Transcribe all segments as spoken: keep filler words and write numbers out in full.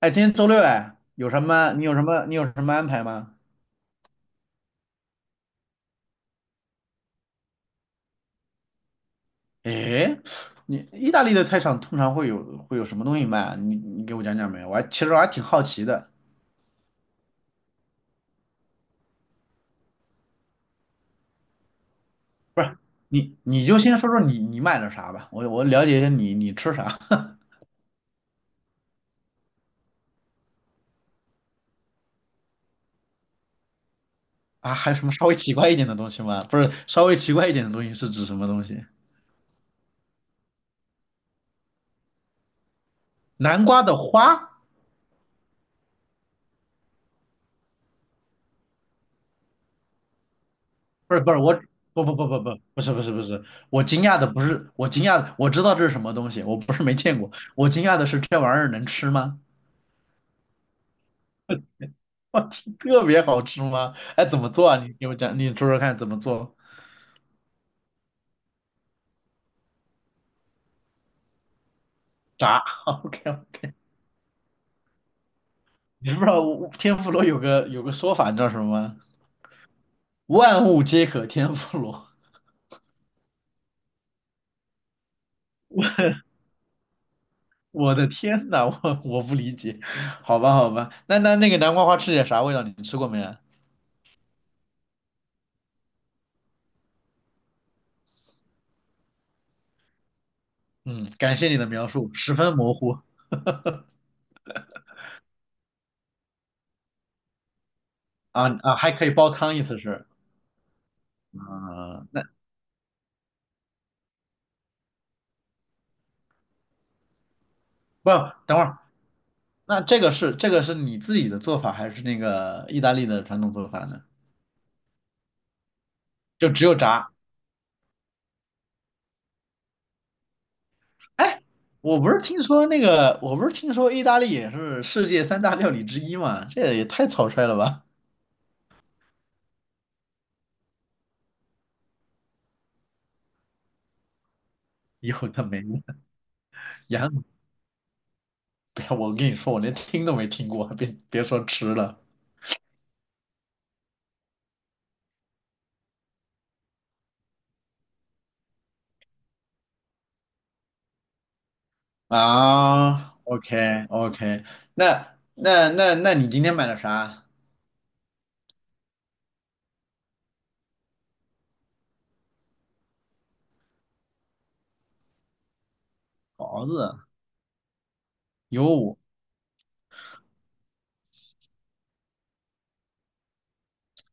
哎，今天周六哎，有什么？你有什么？你有什么安排吗？哎，你意大利的菜场通常会有会有什么东西卖啊？你你给我讲讲呗，我还其实我还挺好奇的。不是，你你就先说说你你买了啥吧，我我了解一下你你吃啥 啊？还有什么稍微奇怪一点的东西吗？不是，稍微奇怪一点的东西是指什么东西？南瓜的花？不是不是，我不不不不不不是不是不是，我惊讶的不是我惊讶的，我知道这是什么东西，我不是没见过，我惊讶的是这玩意儿能吃吗？我天，特别好吃吗？哎，怎么做啊？你给我讲，你说说看怎么做？炸 ，OK OK。你不知道天妇罗有个有个说法，你知道什么吗？万物皆可天妇罗。我的天呐，我我不理解。好吧好吧，那那那个南瓜花吃起来啥味道？你吃过没啊？嗯，感谢你的描述，十分模糊。啊啊，还可以煲汤，意思是，啊、那不，等会儿，那这个是这个是你自己的做法，还是那个意大利的传统做法呢？就只有炸。哎，我不是听说那个，我不是听说意大利也是世界三大料理之一吗？这也太草率了吧！有的没的，羊，不要，我跟你说，我连听都没听过，别别说吃了。啊。OK OK，那那那那你今天买了啥？桃子啊。有，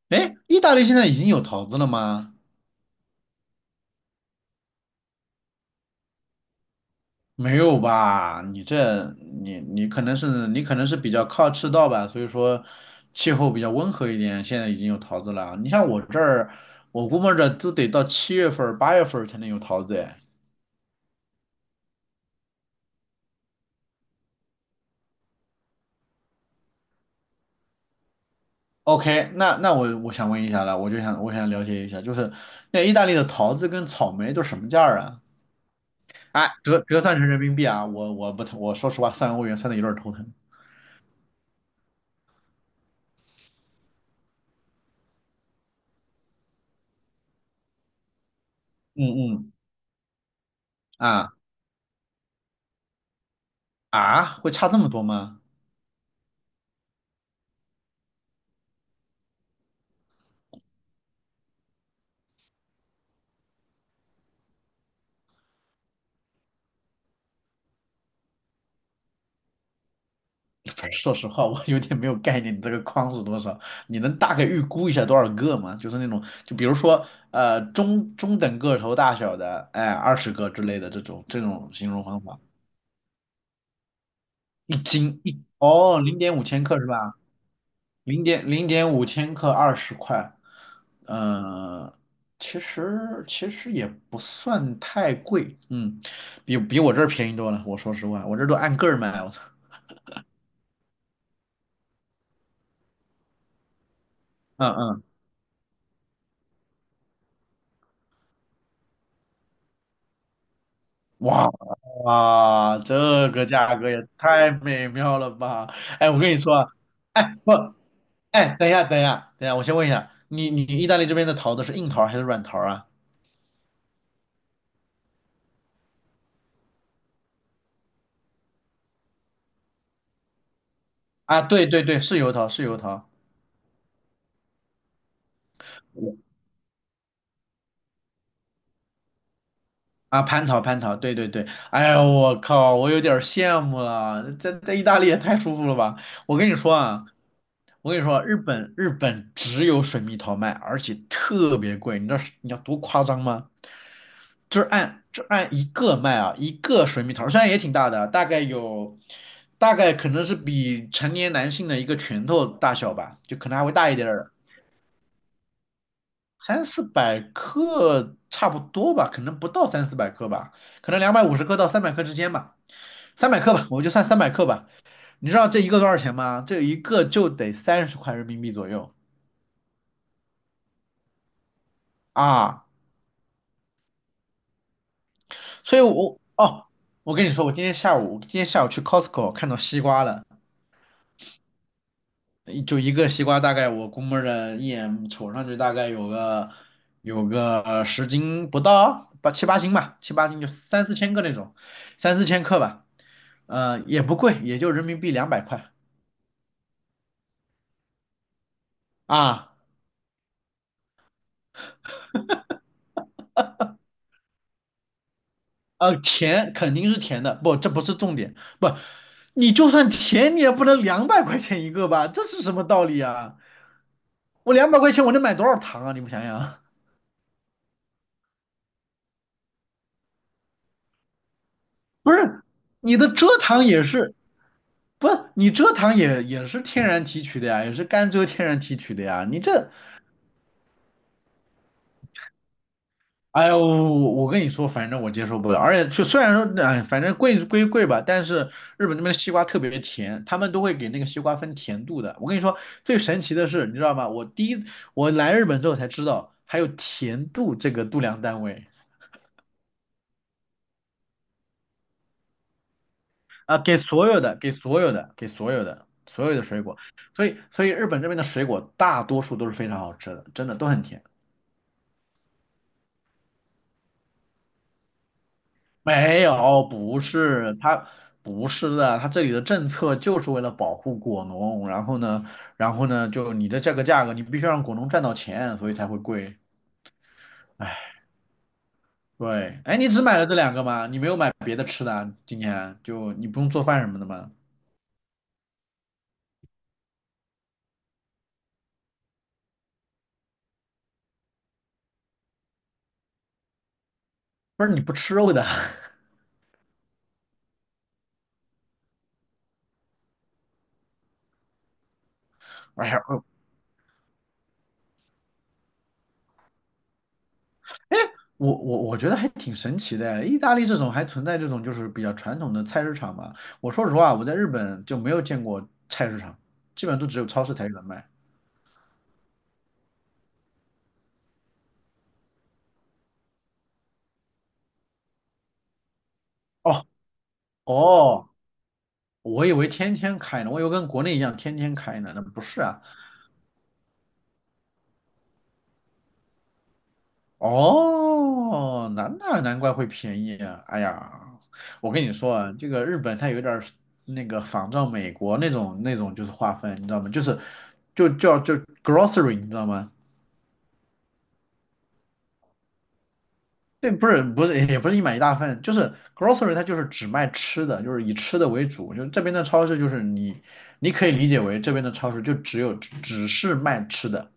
哎，意大利现在已经有桃子了吗？没有吧？你这你你可能是你可能是比较靠赤道吧，所以说气候比较温和一点。现在已经有桃子了。你像我这儿，我估摸着都得到七月份儿、八月份儿才能有桃子哎。OK，那那我我想问一下了，我就想我想了解一下，就是那意大利的桃子跟草莓都什么价儿啊？哎，折折算成人民币啊，我我不我说实话，算欧元算的有点儿头疼。嗯嗯。啊啊，会差这么多吗？说实话，我有点没有概念，你这个框是多少？你能大概预估一下多少个吗？就是那种，就比如说，呃，中中等个头大小的，哎，二十个之类的这种这种形容方法。一斤一哦，零点五千克是吧？零点零点五千克，二十块，呃，其实其实也不算太贵，嗯，比比我这儿便宜多了。我说实话，我这儿都按个儿卖，我操。嗯嗯。哇哇，啊这个价格也太美妙了吧！哎，我跟你说啊。哎不，哎，等一下，等一下，等一下，我先问一下，你你意大利这边的桃子是硬桃还是软桃啊？啊，对对对，是油桃，是油桃。我啊，蟠桃，蟠桃，对对对。哎呀，我靠，我有点儿羡慕了，在在意大利也太舒服了吧！我跟你说啊，我跟你说日本日本只有水蜜桃卖，而且特别贵，你知道是你要多夸张吗？就是按就按一个卖啊，一个水蜜桃，虽然也挺大的，大概有大概可能是比成年男性的一个拳头大小吧，就可能还会大一点儿，三四百克差不多吧，可能不到三四百克吧，可能两百五十克到三百克之间吧，三百克吧，我就算三百克吧。你知道这一个多少钱吗？这一个就得三十块人民币左右。啊，所以我哦，我跟你说，我今天下午今天下午去 Costco 看到西瓜了。就一个西瓜，大概我估摸着一眼瞅上去大概有个有个呃十斤不到，八七八斤吧，七八斤就三四千个那种，三四千克吧，呃，也不贵，也就人民币两百块啊。呃，甜肯定是甜的，不，这不是重点，不，你就算甜，你也不能两百块钱一个吧，这是什么道理啊？我两百块钱我能买多少糖啊？你们想想，不是，你的蔗糖也是。不，你蔗糖也也是天然提取的呀，也是甘蔗天然提取的呀。你这，哎呦，我跟你说，反正我接受不了。而且就虽然说，哎，反正贵归贵吧，但是日本那边的西瓜特别甜，他们都会给那个西瓜分甜度的。我跟你说，最神奇的是，你知道吗？我第一我来日本之后才知道，还有甜度这个度量单位。啊，给所有的，给所有的，给所有的，所有的水果。所以所以日本这边的水果大多数都是非常好吃的，真的都很甜。没有，不是，它不是的，它这里的政策就是为了保护果农，然后呢，然后呢，就你的这个价格，你必须让果农赚到钱，所以才会贵。哎对，哎，你只买了这两个吗？你没有买别的吃的啊？今年就你不用做饭什么的吗？不是，你不吃肉的？哎呀，哎，我我我觉得还挺神奇的，意大利这种还存在这种就是比较传统的菜市场嘛。我说实话，我在日本就没有见过菜市场，基本上都只有超市才有人卖。哦。哦，我以为天天开呢，我以为跟国内一样天天开呢，那不是啊。哦，难那难怪会便宜啊。哎呀，我跟你说啊，这个日本它有点儿那个仿照美国那种那种就是划分，你知道吗？就是就叫就 grocery，你知道吗？对，不是，不是，也不是一买一大份，就是 grocery 它就是只卖吃的，就是以吃的为主。就这边的超市就是你你可以理解为这边的超市就只有只是卖吃的。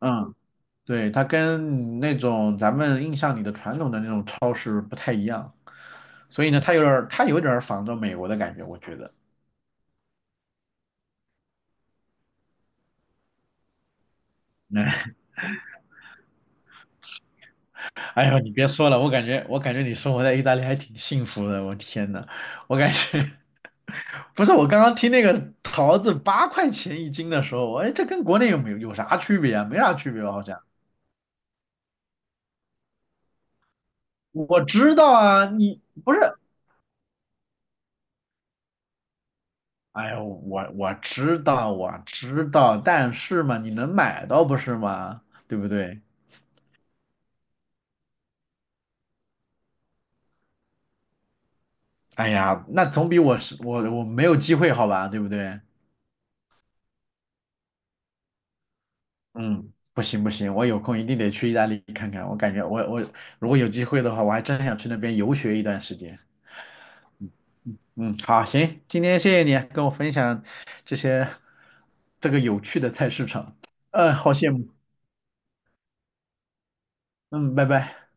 嗯。对，它跟那种咱们印象里的传统的那种超市不太一样，所以呢，它有点儿它有点儿仿照美国的感觉，我觉得。那，哎呦，你别说了，我感觉我感觉你生活在意大利还挺幸福的，我天呐，我感觉 不是，我刚刚听那个桃子八块钱一斤的时候，哎，这跟国内有没有有啥区别啊？没啥区别吧，好像。我知道啊，你不是，哎呦，我我知道我知道，但是嘛，你能买到不是吗？对不对？哎呀，那总比我是我我没有机会好吧，对不对？嗯，不行不行，我有空一定得去意大利看看。我感觉我我如果有机会的话，我还真想去那边游学一段时间。嗯，好，行，今天谢谢你跟我分享这些这个有趣的菜市场。嗯、好羡慕。嗯，拜拜。